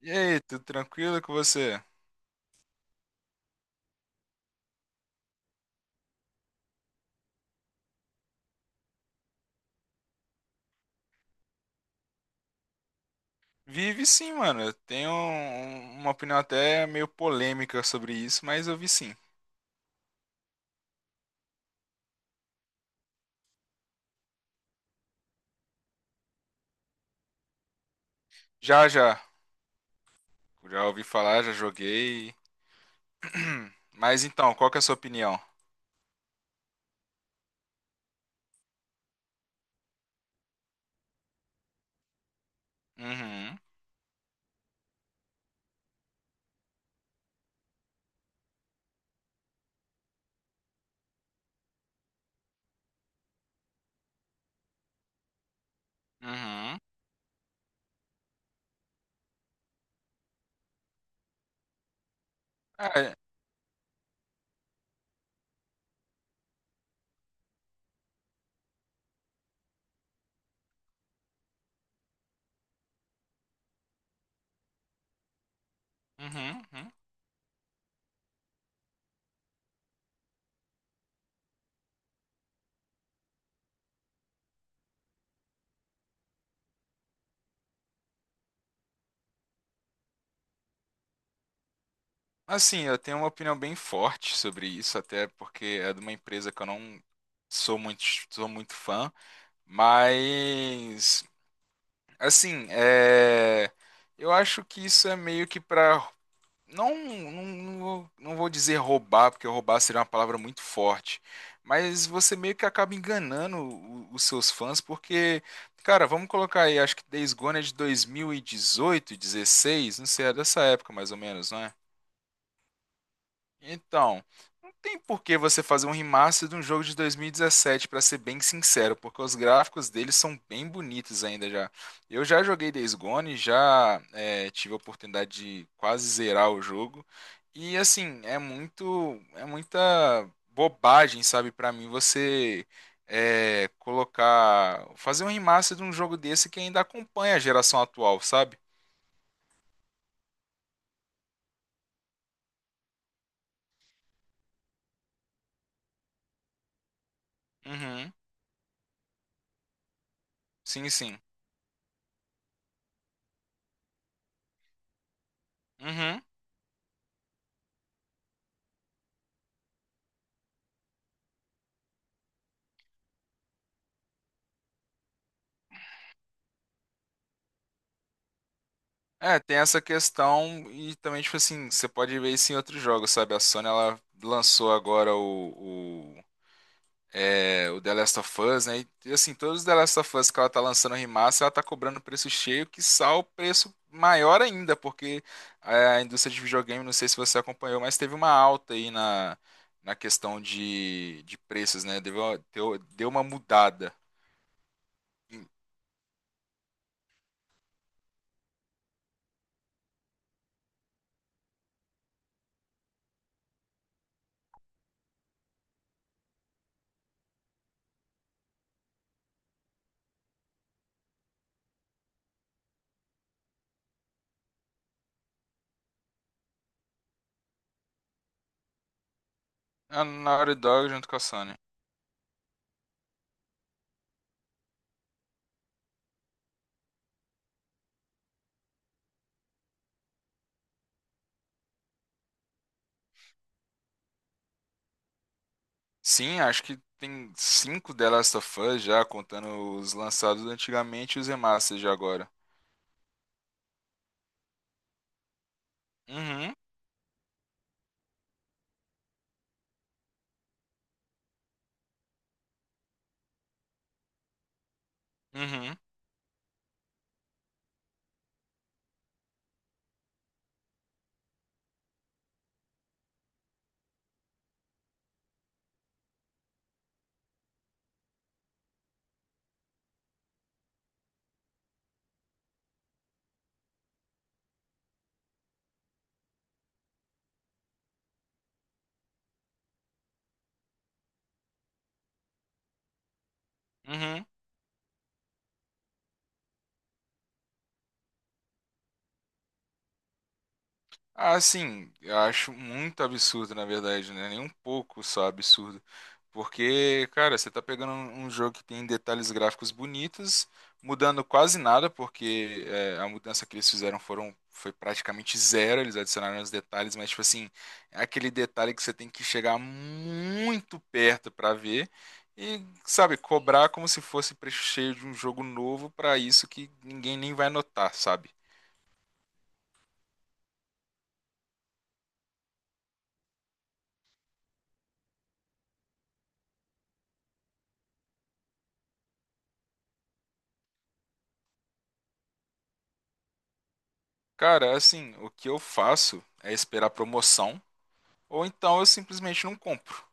E aí, tudo tranquilo com você? Vive sim, mano. Eu tenho uma opinião até meio polêmica sobre isso, mas eu vi sim. Já, já. Já ouvi falar, já joguei. Mas então, qual que é a sua opinião? Uhum, uhum. Ah, é. Uhum, uhum. Assim, eu tenho uma opinião bem forte sobre isso, até porque é de uma empresa que eu não sou muito, sou muito fã. Mas, assim, eu acho que isso é meio que para. Não, não, não vou dizer roubar, porque roubar seria uma palavra muito forte. Mas você meio que acaba enganando os seus fãs, porque, cara, vamos colocar aí, acho que Days Gone é de 2018 16 não sei, é dessa época mais ou menos, não é? Então, não tem por que você fazer um remaster de um jogo de 2017, pra ser bem sincero, porque os gráficos deles são bem bonitos ainda já. Eu já joguei Days Gone, já é, tive a oportunidade de quase zerar o jogo. E assim, é muita bobagem, sabe, pra mim você colocar, fazer um remaster de um jogo desse que ainda acompanha a geração atual, sabe? Uhum, sim, sim. Uhum. É, tem essa questão e também, tipo assim, você pode ver isso em outros jogos, sabe? A Sony, ela lançou agora o The Last of Us, né? E, assim, todos os The Last of Us que ela tá lançando remaster, ela tá cobrando preço cheio, que o preço maior ainda, porque a indústria de videogame, não sei se você acompanhou, mas teve uma alta aí na questão de preços, né? Deu uma mudada. A Naughty Dog junto com a Sony. Sim, acho que tem cinco The Last of Us já, contando os lançados antigamente e os remasters de agora. Uhum, uhum, uhum. Ah, sim, eu acho muito absurdo, na verdade, né? Nem um pouco só absurdo. Porque, cara, você tá pegando um jogo que tem detalhes gráficos bonitos, mudando quase nada, porque a mudança que eles fizeram foram, foi praticamente zero, eles adicionaram os detalhes, mas, tipo assim, é aquele detalhe que você tem que chegar muito perto pra ver. E, sabe, cobrar como se fosse preço cheio de um jogo novo pra isso que ninguém nem vai notar, sabe? Cara, assim, o que eu faço é esperar promoção, ou então eu simplesmente não compro.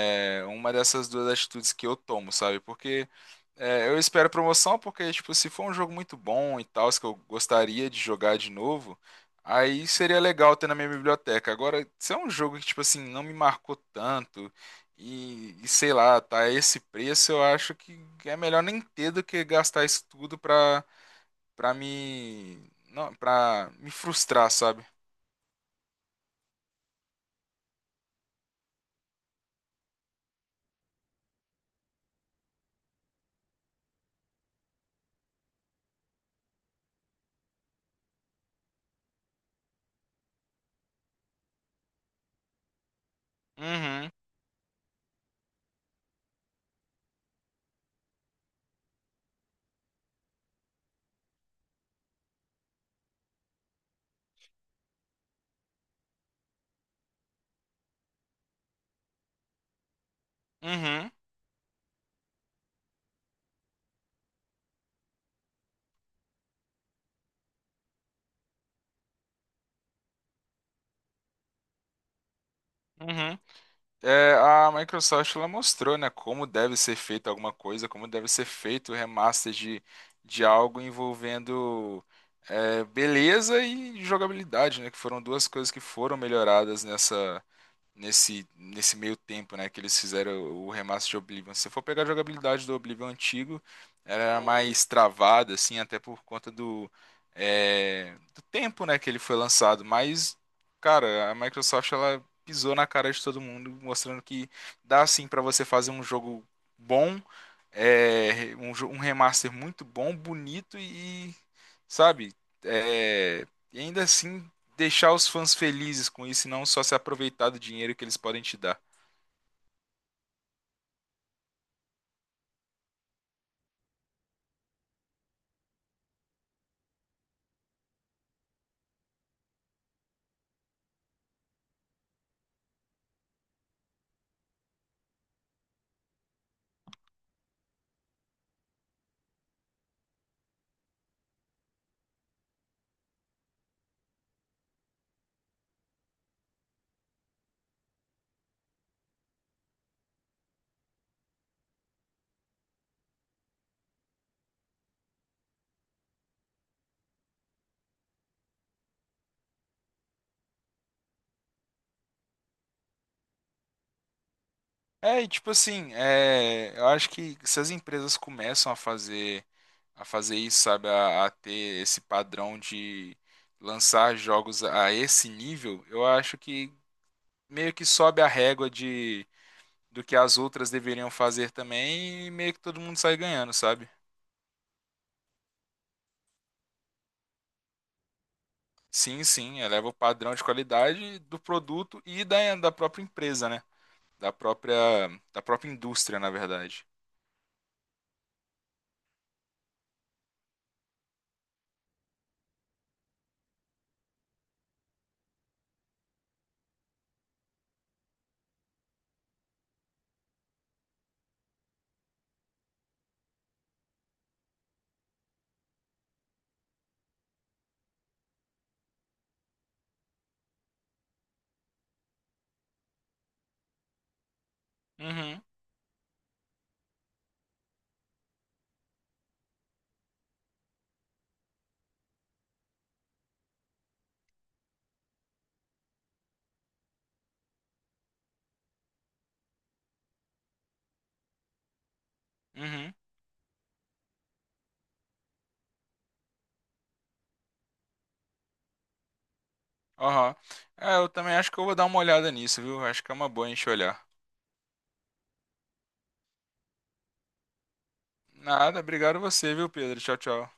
É uma dessas duas atitudes que eu tomo, sabe? Porque é, eu espero promoção, porque, tipo, se for um jogo muito bom e tal, que eu gostaria de jogar de novo, aí seria legal ter na minha biblioteca. Agora, se é um jogo que, tipo assim, não me marcou tanto, e sei lá, tá a esse preço, eu acho que é melhor nem ter do que gastar isso tudo pra, pra me. Não, pra me frustrar, sabe? Uhum, uhum, uhum. É, a Microsoft ela mostrou, né, como deve ser feita alguma coisa, como deve ser feito o remaster de algo envolvendo é, beleza e jogabilidade, né, que foram duas coisas que foram melhoradas nessa nesse meio tempo, né, que eles fizeram o remaster de Oblivion. Se você for pegar a jogabilidade do Oblivion antigo, era mais travada, assim, até por conta do tempo, né, que ele foi lançado. Mas, cara, a Microsoft, ela pisou na cara de todo mundo, mostrando que dá, assim, para você fazer um jogo bom um remaster muito bom, bonito e, sabe, é, e ainda assim deixar os fãs felizes com isso e não só se aproveitar do dinheiro que eles podem te dar. É, e tipo assim, é, eu acho que se as empresas começam a fazer isso, sabe, a ter esse padrão de lançar jogos a esse nível, eu acho que meio que sobe a régua de do que as outras deveriam fazer também e meio que todo mundo sai ganhando, sabe? Sim, sim, eleva o padrão de qualidade do produto e da própria empresa, né? Da própria, da própria indústria, na verdade. Uhum, uhum, aham. É, eu também acho que eu vou dar uma olhada nisso, viu? Acho que é uma boa a gente olhar. Nada, obrigado a você, viu, Pedro? Tchau, tchau.